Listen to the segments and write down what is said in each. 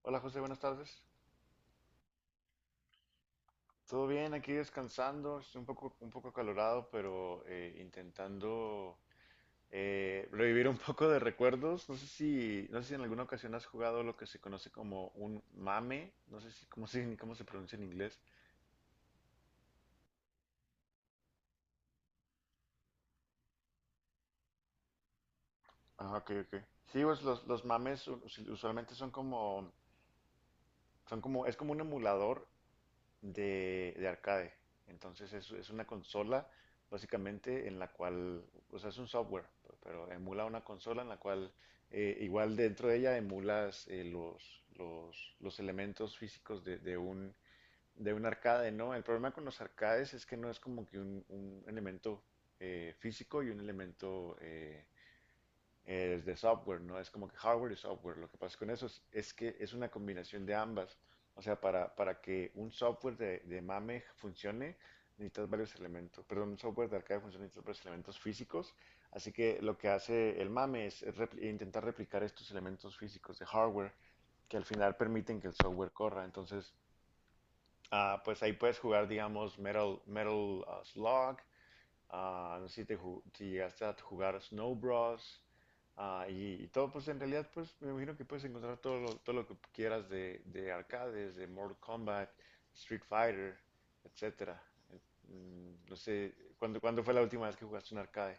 Hola José, buenas tardes. Todo bien, aquí descansando, estoy un poco acalorado, pero intentando revivir un poco de recuerdos. No sé si en alguna ocasión has jugado lo que se conoce como un mame, no sé si cómo se, cómo se pronuncia en inglés. Ah, ok, ok. Sí, pues los mames usualmente son como, es como un emulador de arcade. Entonces es una consola básicamente en la cual, o sea, es un software, pero emula una consola en la cual igual dentro de ella emulas los elementos físicos de un arcade, ¿no? El problema con los arcades es que no es como que un elemento físico y un elemento es de software, no es como que hardware y software. Lo que pasa con eso es que es una combinación de ambas. O sea, para que un software de MAME funcione, necesitas varios elementos. Perdón, un software de arcade funcione, necesitas varios elementos físicos. Así que lo que hace el MAME es intentar replicar estos elementos físicos de hardware que al final permiten que el software corra. Entonces, ah, pues ahí puedes jugar, digamos, Metal, Metal Slug. Ah, no sé si, si llegaste a jugar Snow Bros. Ah, y todo, pues en realidad, pues me imagino que puedes encontrar todo lo que quieras de arcades, de Mortal Kombat, Street Fighter, etcétera. Eh, No sé, ¿ cuándo fue la última vez que jugaste un arcade?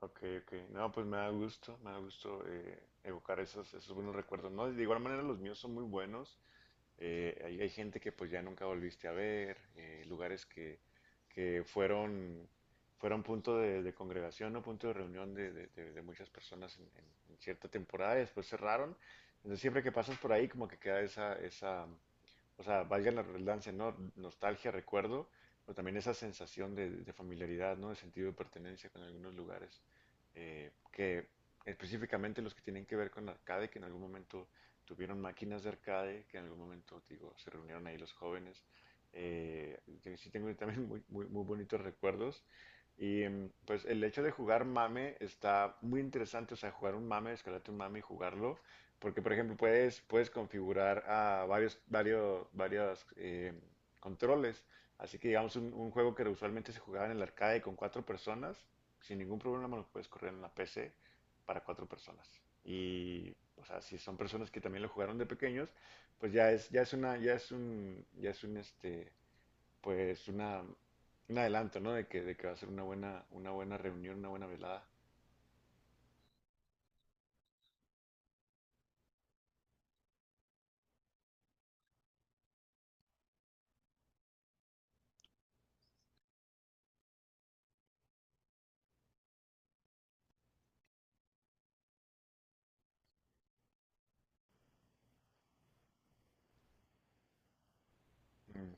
Ok, ok. No, pues me da gusto evocar esos, esos buenos recuerdos, ¿no? De igual manera los míos son muy buenos. Hay, hay gente que pues ya nunca volviste a ver, lugares que fueron, fueron punto de congregación o punto de reunión de, de muchas personas en, en cierta temporada y después cerraron. Entonces siempre que pasas por ahí como que queda esa, esa, o sea, valga la redundancia, ¿no? Nostalgia, recuerdo, pero también esa sensación de familiaridad, ¿no? De sentido de pertenencia con algunos lugares, que específicamente los que tienen que ver con arcade, que en algún momento tuvieron máquinas de arcade, que en algún momento, digo, se reunieron ahí los jóvenes. Que sí tengo también muy, muy, muy bonitos recuerdos. Y pues el hecho de jugar mame está muy interesante, o sea, jugar un mame, descargarte un mame y jugarlo, porque, por ejemplo, puedes, puedes configurar a varios, varios controles. Así que, digamos, un juego que usualmente se jugaba en el arcade con cuatro personas, sin ningún problema lo puedes correr en la PC para cuatro personas. Y, o sea, si son personas que también lo jugaron de pequeños, pues ya es un, este, pues una, un adelanto, ¿no? De que va a ser una buena reunión, una buena velada. Mm.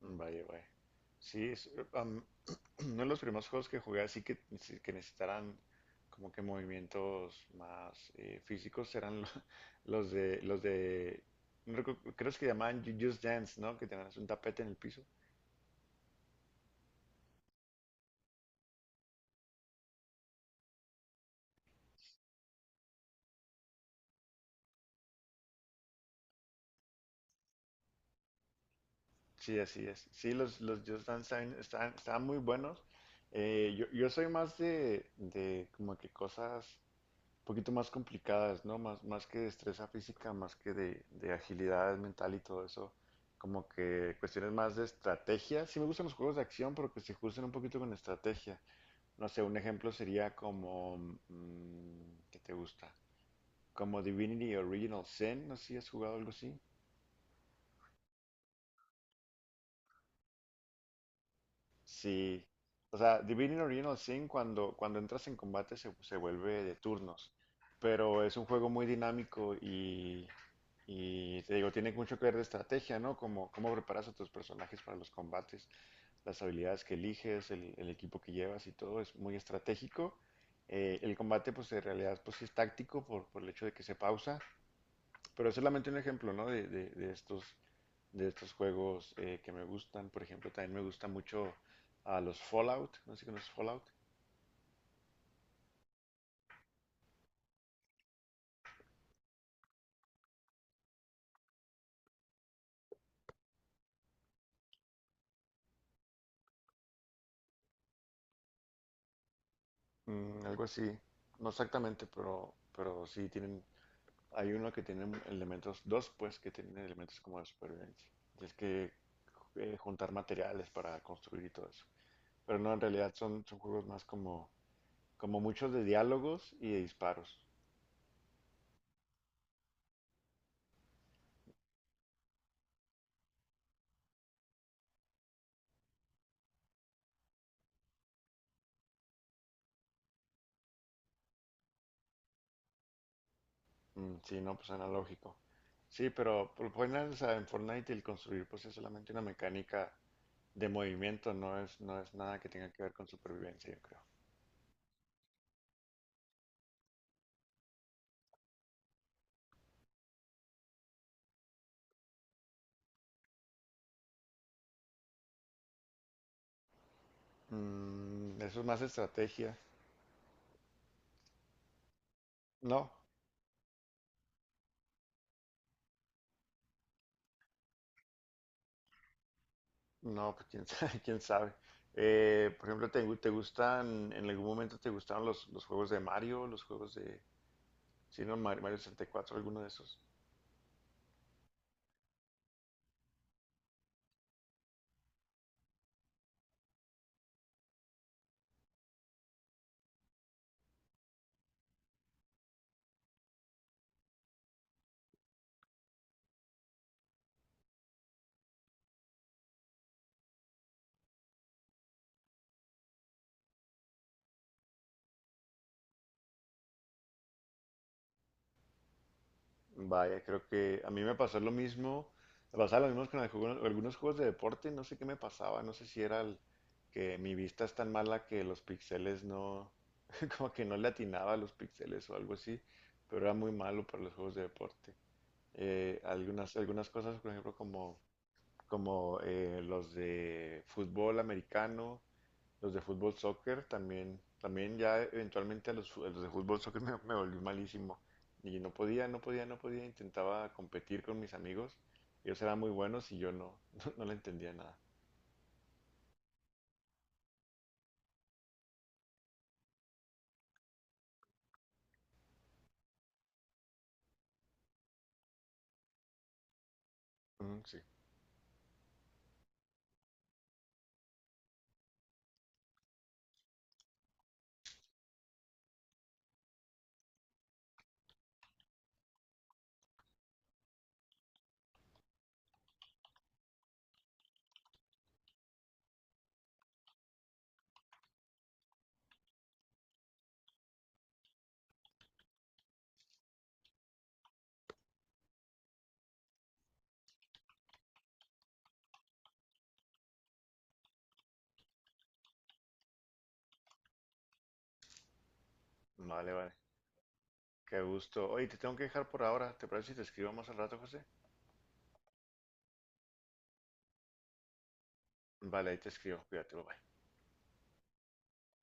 Vaya, vaya. Sí, uno de los primeros juegos que jugué así que, sí, que necesitaran como que movimientos más físicos eran los de, no recu- creo que se llamaban Just Dance, ¿no? Que tenías un tapete en el piso. Sí, así es. Sí, los Just Dance están estaban muy buenos. Yo, yo soy más de como que cosas un poquito más complicadas, ¿no? Más, más que destreza física, más que de agilidad mental y todo eso. Como que cuestiones más de estrategia. Sí me gustan los juegos de acción, pero que se justen un poquito con estrategia. No sé, un ejemplo sería como... mm, ¿qué te gusta? Como Divinity Original Sin, no sé si has jugado algo así. Sí. O sea, Divinity Original Sin cuando, cuando entras en combate se, se vuelve de turnos, pero es un juego muy dinámico y te digo, tiene mucho que ver de estrategia, ¿no? Como cómo preparas a tus personajes para los combates, las habilidades que eliges, el equipo que llevas y todo es muy estratégico. El combate, pues en realidad, pues sí es táctico por el hecho de que se pausa, pero es solamente un ejemplo, ¿no? De, de estos juegos que me gustan. Por ejemplo, también me gusta mucho a los Fallout. No sé si conoces Fallout. Mm, algo así. No exactamente, pero sí tienen. Hay uno que tiene elementos, dos pues, que tienen elementos como de supervivencia. Tienes que juntar materiales para construir y todo eso. Pero no, en realidad son, son juegos más como, como muchos de diálogos y de disparos. Mm, sí, no, pues analógico. Sí, pero ponen, o en Fortnite y el construir pues es solamente una mecánica de movimiento, no es, no es nada que tenga que ver con supervivencia, yo creo. Mm, eso es más estrategia. No, no, pues quién sabe, quién sabe. Por ejemplo, ¿ te gustan, en algún momento te gustaron los juegos de Mario, los juegos de, si no, Mario 64, ¿alguno de esos? Vaya, creo que a mí me pasó lo mismo, me pasaba lo mismo con algunos, algunos juegos de deporte, no sé qué me pasaba, no sé si era que mi vista es tan mala que los píxeles no, como que no le atinaba a los píxeles o algo así, pero era muy malo para los juegos de deporte. Algunas, algunas cosas, por ejemplo, como, como los de fútbol americano, los de fútbol soccer también, también ya eventualmente a los, a los de fútbol soccer me volví malísimo. Y no podía, no podía, no podía. Intentaba competir con mis amigos. Ellos eran muy buenos y yo no, no, no le entendía nada. Mm, sí. No, vale, vale. Qué gusto. Oye, te tengo que dejar por ahora. ¿Te parece si te escribo más al rato, José? Vale, ahí te escribo. Cuídate, bye bye.